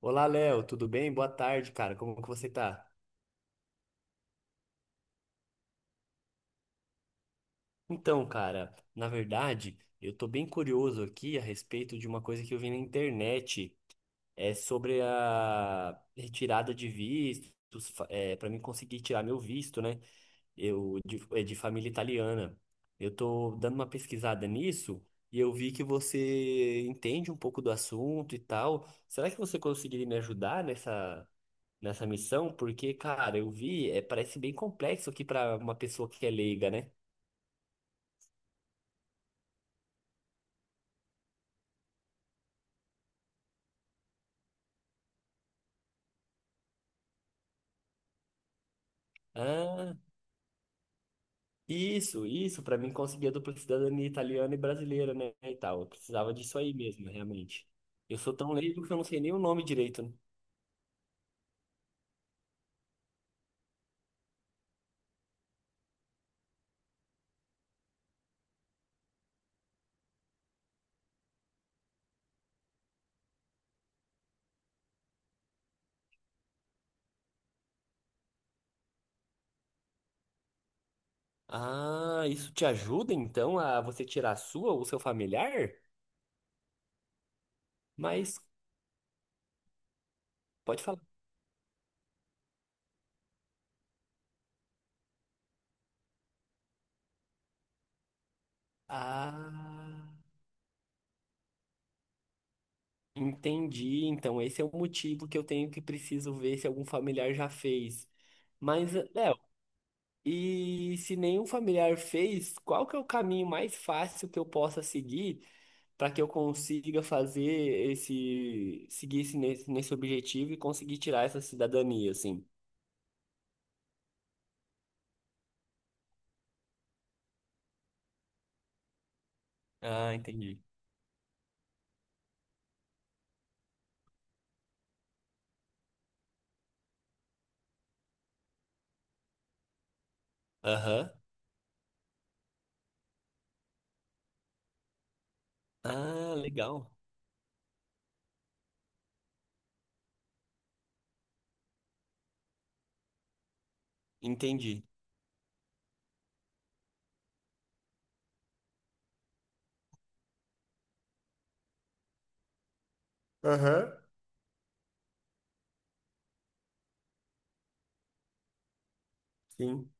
Olá, Léo, tudo bem? Boa tarde, cara. Como que você tá? Então, cara, na verdade, eu tô bem curioso aqui a respeito de uma coisa que eu vi na internet, é sobre a retirada de vistos, para mim conseguir tirar meu visto, né? É de família italiana. Eu tô dando uma pesquisada nisso e eu vi que você entende um pouco do assunto e tal. Será que você conseguiria me ajudar nessa missão, porque, cara, eu vi, é, parece bem complexo aqui pra uma pessoa que é leiga, né? Ah, isso, pra mim conseguir a dupla cidadania italiana e brasileira, né? E tal. Eu precisava disso aí mesmo, realmente. Eu sou tão leigo que eu não sei nem o nome direito, né? Ah, isso te ajuda então a você tirar a sua ou seu familiar? Mas pode falar. Ah, entendi. Então esse é o motivo que eu tenho que preciso ver se algum familiar já fez. Mas é, e se nenhum familiar fez, qual que é o caminho mais fácil que eu possa seguir para que eu consiga fazer esse, seguir esse, nesse, nesse objetivo e conseguir tirar essa cidadania, assim? Ah, entendi. Aham. Ah, legal. Entendi. Aham. Sim.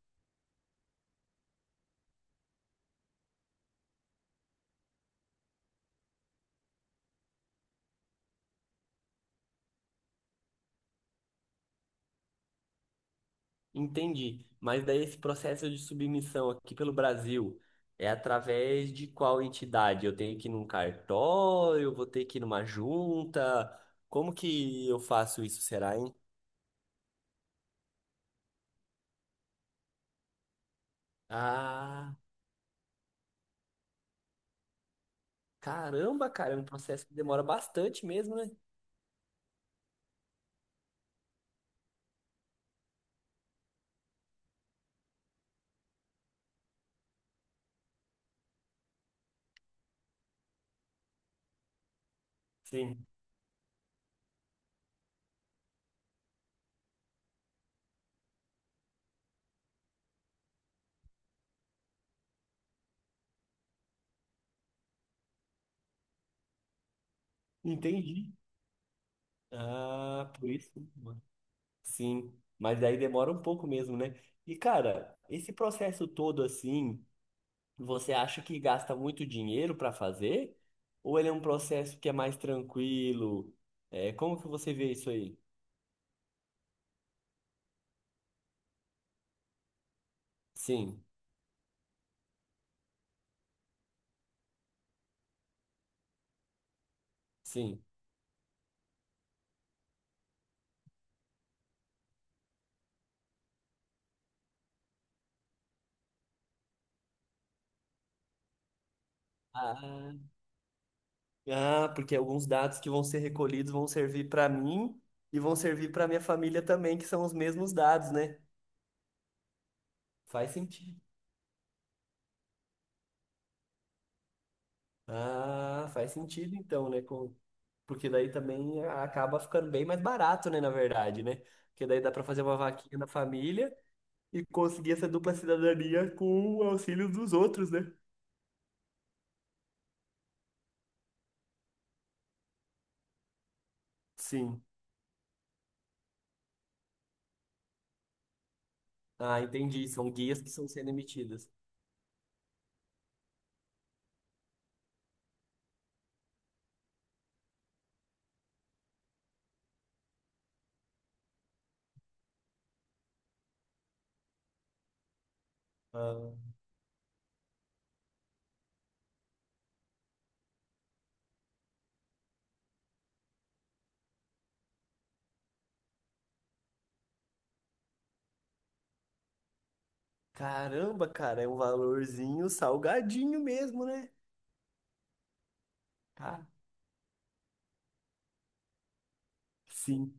Entendi. Mas daí esse processo de submissão aqui pelo Brasil é através de qual entidade? Eu tenho que ir num cartório, eu vou ter que ir numa junta. Como que eu faço isso, será, hein? Ah, caramba, cara, é um processo que demora bastante mesmo, né? Sim, entendi. Ah, por isso. Sim, mas daí demora um pouco mesmo, né? E, cara, esse processo todo assim. Você acha que gasta muito dinheiro para fazer? Ou ele é um processo que é mais tranquilo? É, como que você vê isso aí? Sim, sim. Ah, ah, porque alguns dados que vão ser recolhidos vão servir para mim e vão servir para minha família também, que são os mesmos dados, né? Faz sentido. Ah, faz sentido então, né? Com- porque daí também ah, acaba ficando bem mais barato, né? Na verdade, né? Porque daí dá para fazer uma vaquinha na família e conseguir essa dupla cidadania com o auxílio dos outros, né? Sim. Ah, entendi. São guias que estão sendo emitidas. Ah, caramba, cara, é um valorzinho salgadinho mesmo, né? Ah, sim.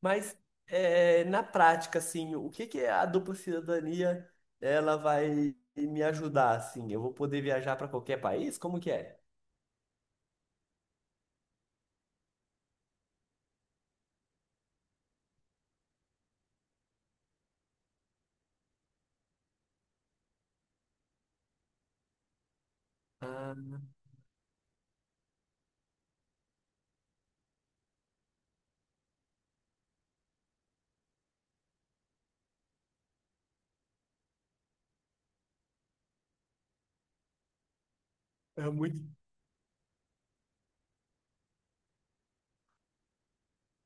Mas é, na prática, assim, o que que a dupla cidadania ela vai me ajudar, assim? Eu vou poder viajar para qualquer país? Como que é? Ah, é muito.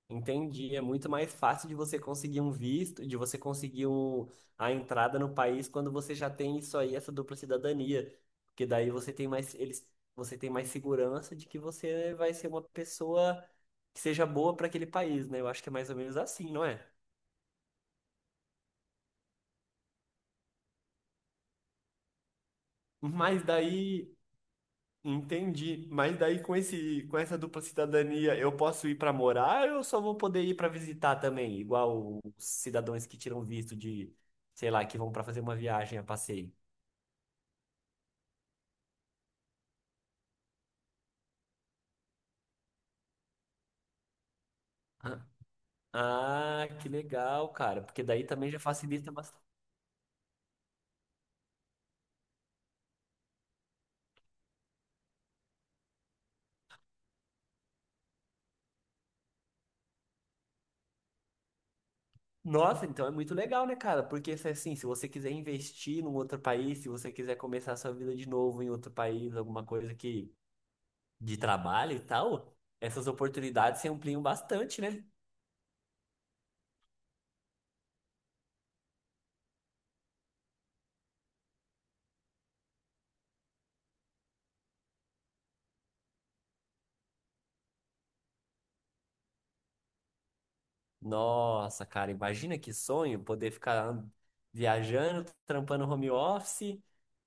Entendi. É muito mais fácil de você conseguir um visto, de você conseguir um- a entrada no país quando você já tem isso aí, essa dupla cidadania. Porque daí você tem mais, eles, você tem mais segurança de que você vai ser uma pessoa que seja boa para aquele país, né? Eu acho que é mais ou menos assim, não é? Mas daí, entendi. Mas daí com esse, com essa dupla cidadania, eu posso ir para morar ou eu só vou poder ir para visitar também, igual os cidadãos que tiram visto de, sei lá, que vão para fazer uma viagem a passeio? Ah, que legal, cara. Porque daí também já facilita bastante. Nossa, então é muito legal, né, cara? Porque se assim, se você quiser investir num outro país, se você quiser começar a sua vida de novo em outro país, alguma coisa que de trabalho e tal, essas oportunidades se ampliam bastante, né? Nossa, cara, imagina que sonho poder ficar an- viajando, trampando home office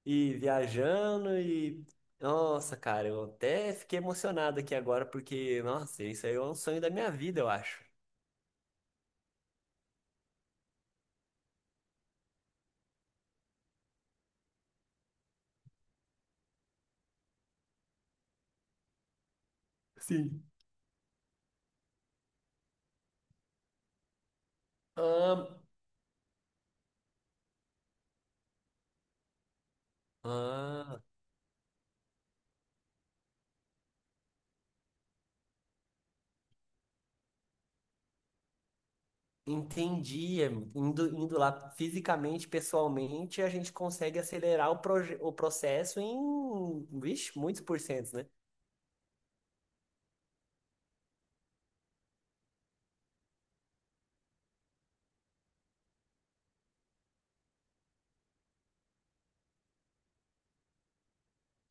e viajando e. Nossa, cara, eu até fiquei emocionado aqui agora porque, nossa, isso aí é um sonho da minha vida, eu acho. Sim. Ah, ah, entendi. É, indo lá fisicamente, pessoalmente, a gente consegue acelerar o, proje- o processo em, vixe, muitos porcentos, né?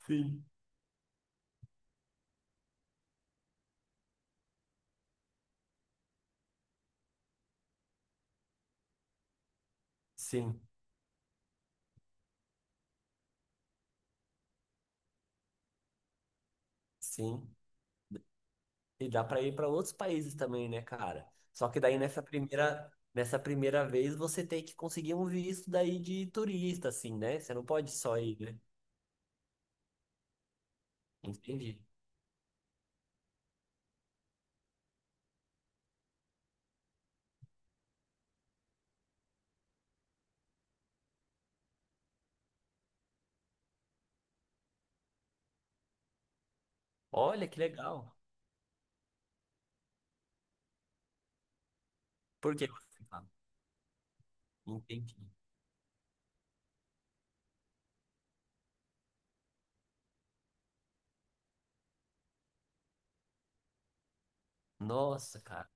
Sim. Sim, sim. E dá para ir para outros países também, né, cara? Só que daí nessa primeira vez você tem que conseguir um visto daí de turista, assim, né? Você não pode só ir, né? Entendi. Olha que legal. Por que você fala? Entendi. Nossa, cara.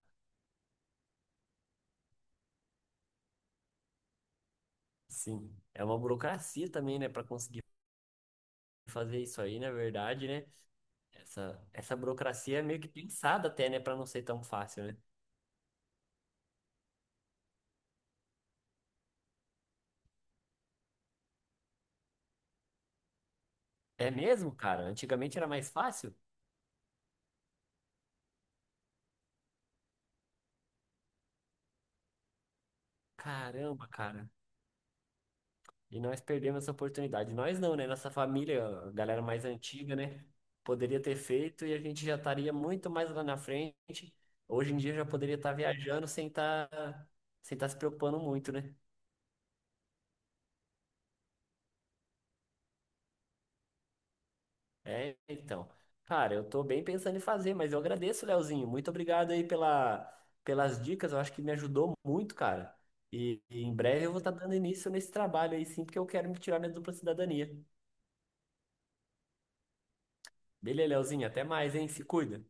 Sim. É uma burocracia também, né, para conseguir fazer isso aí, na verdade, né? Essa burocracia é meio que pensada até, né, para não ser tão fácil, né? É mesmo, cara? Antigamente era mais fácil? Caramba, cara. E nós perdemos essa oportunidade. Nós não, né? Nossa família, a galera mais antiga, né? Poderia ter feito e a gente já estaria muito mais lá na frente. Hoje em dia já poderia estar viajando sem estar se preocupando muito, né? É, então. Cara, eu tô bem pensando em fazer, mas eu agradeço, Leozinho. Muito obrigado aí pela, pelas dicas. Eu acho que me ajudou muito, cara. E em breve eu vou estar dando início nesse trabalho aí, sim, porque eu quero me tirar minha dupla cidadania. Beleza, Leozinho. Até mais, hein? Se cuida.